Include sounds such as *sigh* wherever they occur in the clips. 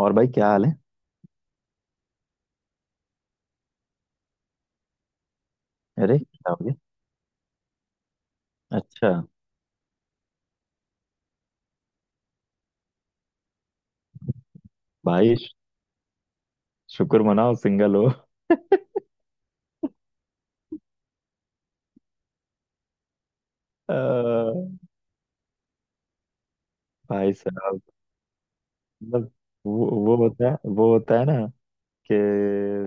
और भाई, क्या हाल है? अरे, क्या हो गया? अच्छा। भाई, शुक्र मनाओ, सिंगल हो। अ, भाई साहब, मतलब वो होता है, वो होता है ना, कि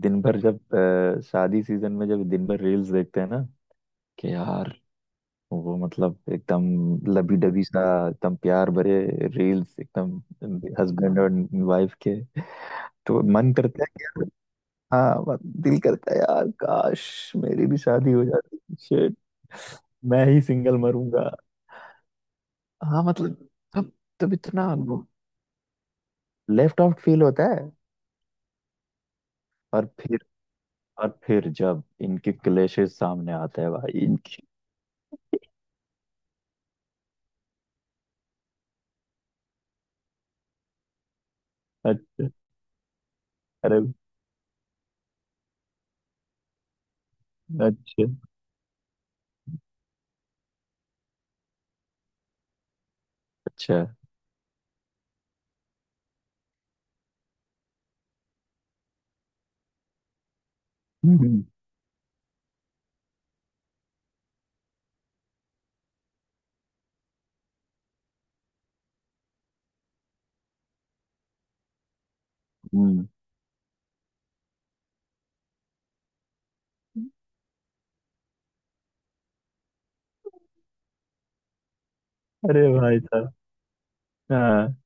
दिन भर जब शादी सीजन में जब दिन भर रील्स देखते हैं ना, कि यार वो मतलब एकदम लबी डबी सा, एकदम प्यार भरे रील्स, एकदम हस्बैंड और वाइफ के, तो मन करता है। हाँ, दिल करता है यार, काश मेरी भी शादी हो जाती। शिट, मैं ही सिंगल मरूंगा। हाँ मतलब, तब तब इतना लेफ्ट आउट फील होता है। और फिर और फिर जब इनके क्लेशेस सामने आते हैं भाई, इनके। अच्छा। अरे। अच्छा, अच्छा। हम्म, हम्म। अरे भाई साहब। हाँ।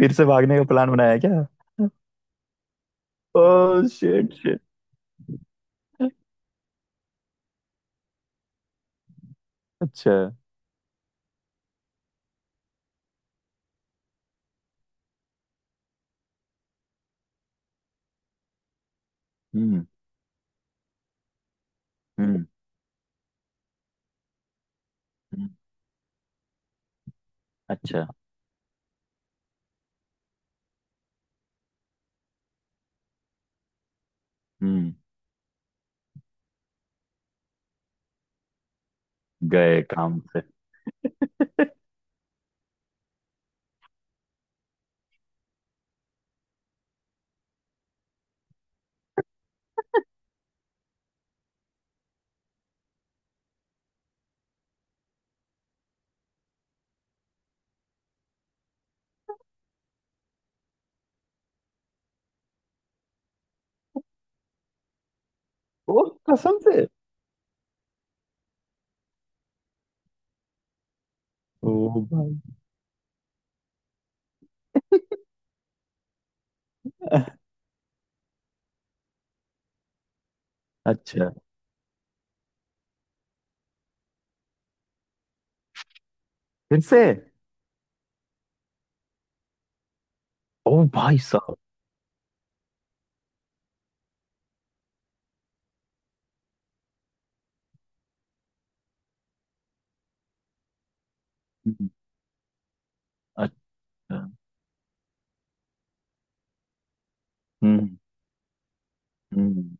फिर से भागने का प्लान बनाया क्या? ओ शिट, शिट। अच्छा। हम्म, हम्म, हम्म। अच्छा। हम्म। गए काम से। ओ, कसम से। ओ भाई। अच्छा। फिर से? ओ भाई साहब। हम्म। अच्छा। हम्म, हम्म।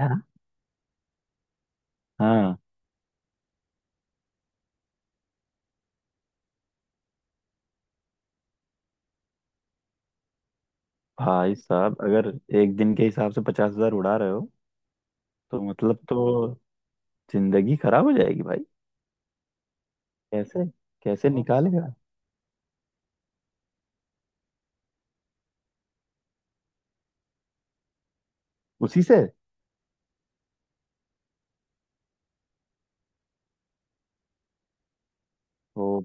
यार। हाँ भाई साहब, अगर एक दिन के हिसाब से 50,000 उड़ा रहे हो, तो मतलब, तो जिंदगी खराब हो जाएगी भाई। कैसे? कैसे निकालेगा? उसी से। ओ।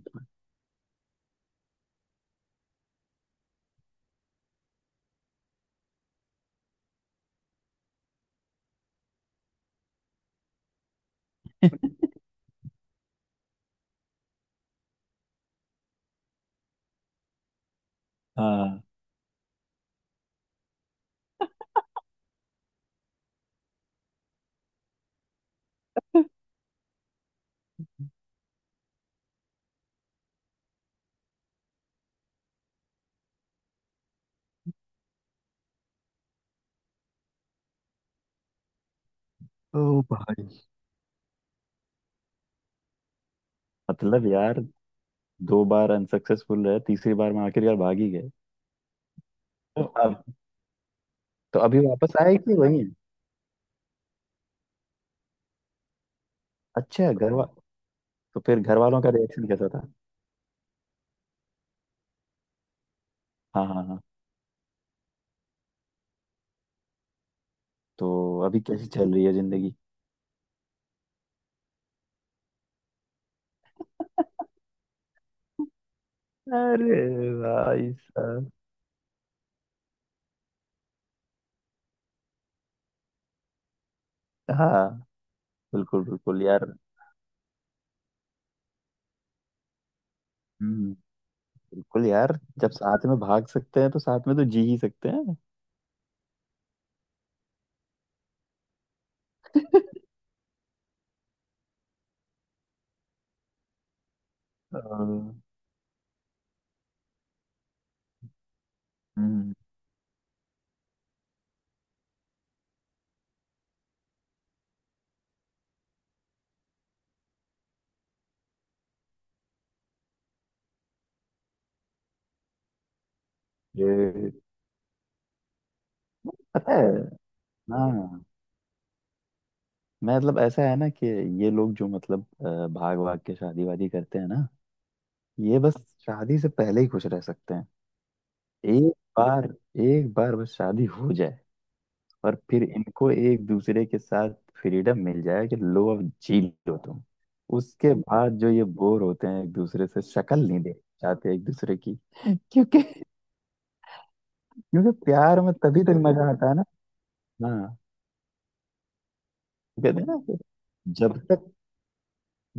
*laughs* हाँ। ओ भाई। मतलब यार, दो बार अनसक्सेसफुल रहे, तीसरी बार में आखिरकार भाग ही गए। तो अब? तो अभी वापस आए कि वही है? अच्छा। तो फिर घर वालों का रिएक्शन कैसा था? हाँ, हाँ, हाँ। तो अभी कैसी चल रही है जिंदगी? अरे भाई साहब। हाँ, बिल्कुल बिल्कुल यार। हम्म। बिल्कुल यार। जब साथ में भाग सकते हैं, तो साथ में तो जी ही सकते हैं। *laughs* अ, हम्म। ये पता है। हाँ, मैं मतलब ऐसा है ना कि ये लोग जो मतलब भाग भाग के शादी वादी करते हैं ना, ये बस शादी से पहले ही खुश रह सकते हैं। एक बार, एक बार बस शादी हो जाए, और फिर इनको एक दूसरे के साथ फ्रीडम मिल जाए कि लो, अब जी लो तुम। उसके बाद जो ये बोर होते हैं, एक दूसरे से शक्ल नहीं देख चाहते एक दूसरे की। क्योंकि क्योंकि प्यार में तभी तक मजा आता है ना। हाँ कहते हैं ना कि जब तक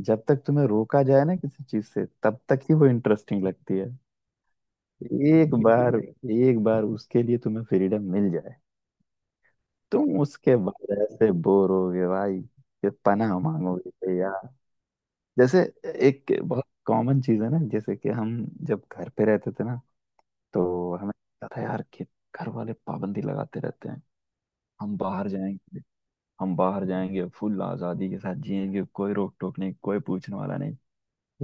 जब तक तुम्हें रोका जाए ना किसी चीज से, तब तक ही वो इंटरेस्टिंग लगती है। एक बार, एक बार उसके लिए तुम्हें फ्रीडम मिल जाए, तुम उसके बाद ऐसे बोर होगे भाई कि पनाह मांगोगे कि यार। जैसे एक बहुत कॉमन चीज है ना, जैसे कि हम जब घर पे रहते थे ना, तो हमें लगता था यार कि घर वाले पाबंदी लगाते रहते हैं। हम बाहर जाएंगे हम बाहर जाएंगे फुल आजादी के साथ जिएंगे, कोई रोक टोक नहीं, कोई पूछने वाला नहीं।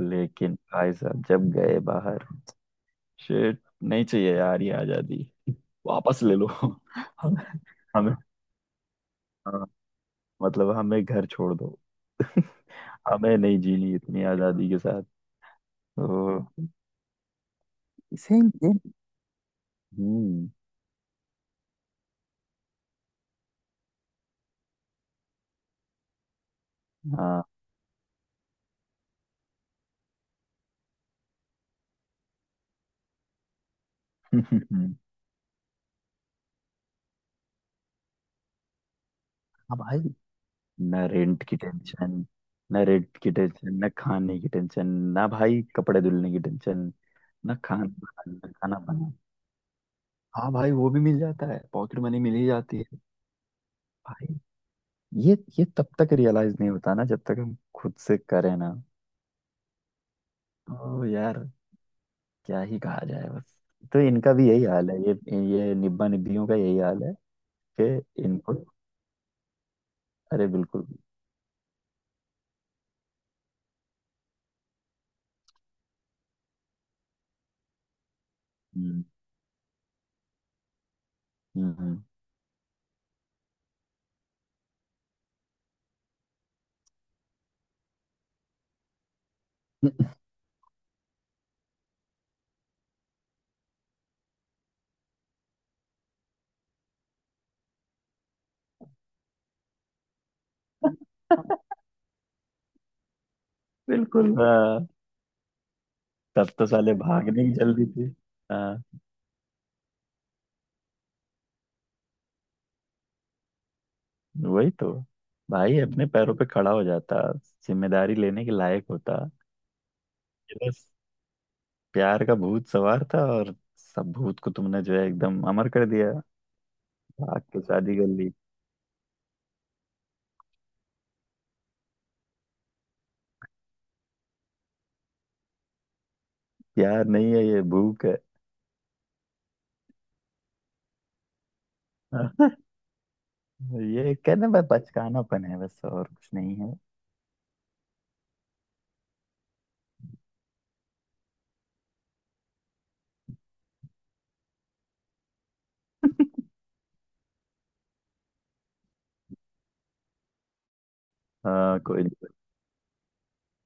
लेकिन भाई साहब, जब गए बाहर, शेट, नहीं चाहिए यार ये आजादी। वापस ले लो *laughs* हमें। हमें, हाँ, मतलब, हमें घर छोड़ दो। *laughs* हमें नहीं जीनी इतनी आजादी के साथ। तो इसे ये- हम्म। हाँ। *laughs* हाँ भाई। ना रेंट की टेंशन ना रेंट की टेंशन, ना खाने की टेंशन, ना भाई कपड़े धुलने की टेंशन, ना खाना बना। हाँ भाई, वो भी मिल जाता है, पॉकेट मनी मिल ही जाती है। भाई, ये तब तक रियलाइज नहीं होता ना, जब तक हम खुद से करें ना। तो यार, क्या ही कहा जाए, बस। तो इनका भी यही हाल है। ये निब्बा निब्बियों का यही हाल है कि इनको। अरे, बिल्कुल। हम्म, हम्म। *laughs* बिल्कुल। तब तो साले भागने की जल्दी थी। हाँ, वही तो। भाई, अपने पैरों पे खड़ा हो जाता, जिम्मेदारी लेने के लायक होता। ये बस प्यार का भूत सवार था, और सब भूत को तुमने जो है एकदम अमर कर दिया। भाग के शादी कर ली। प्यार नहीं है, ये भूख है। *laughs* ये कहने में बचकानापन है, बस और कुछ नहीं है। *laughs* हाँ, कोई नहीं।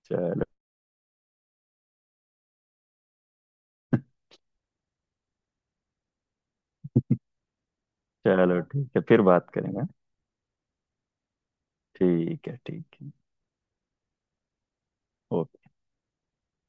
चलो। *laughs* चलो, ठीक है, फिर बात करेंगे। ठीक है, ठीक है। ओके।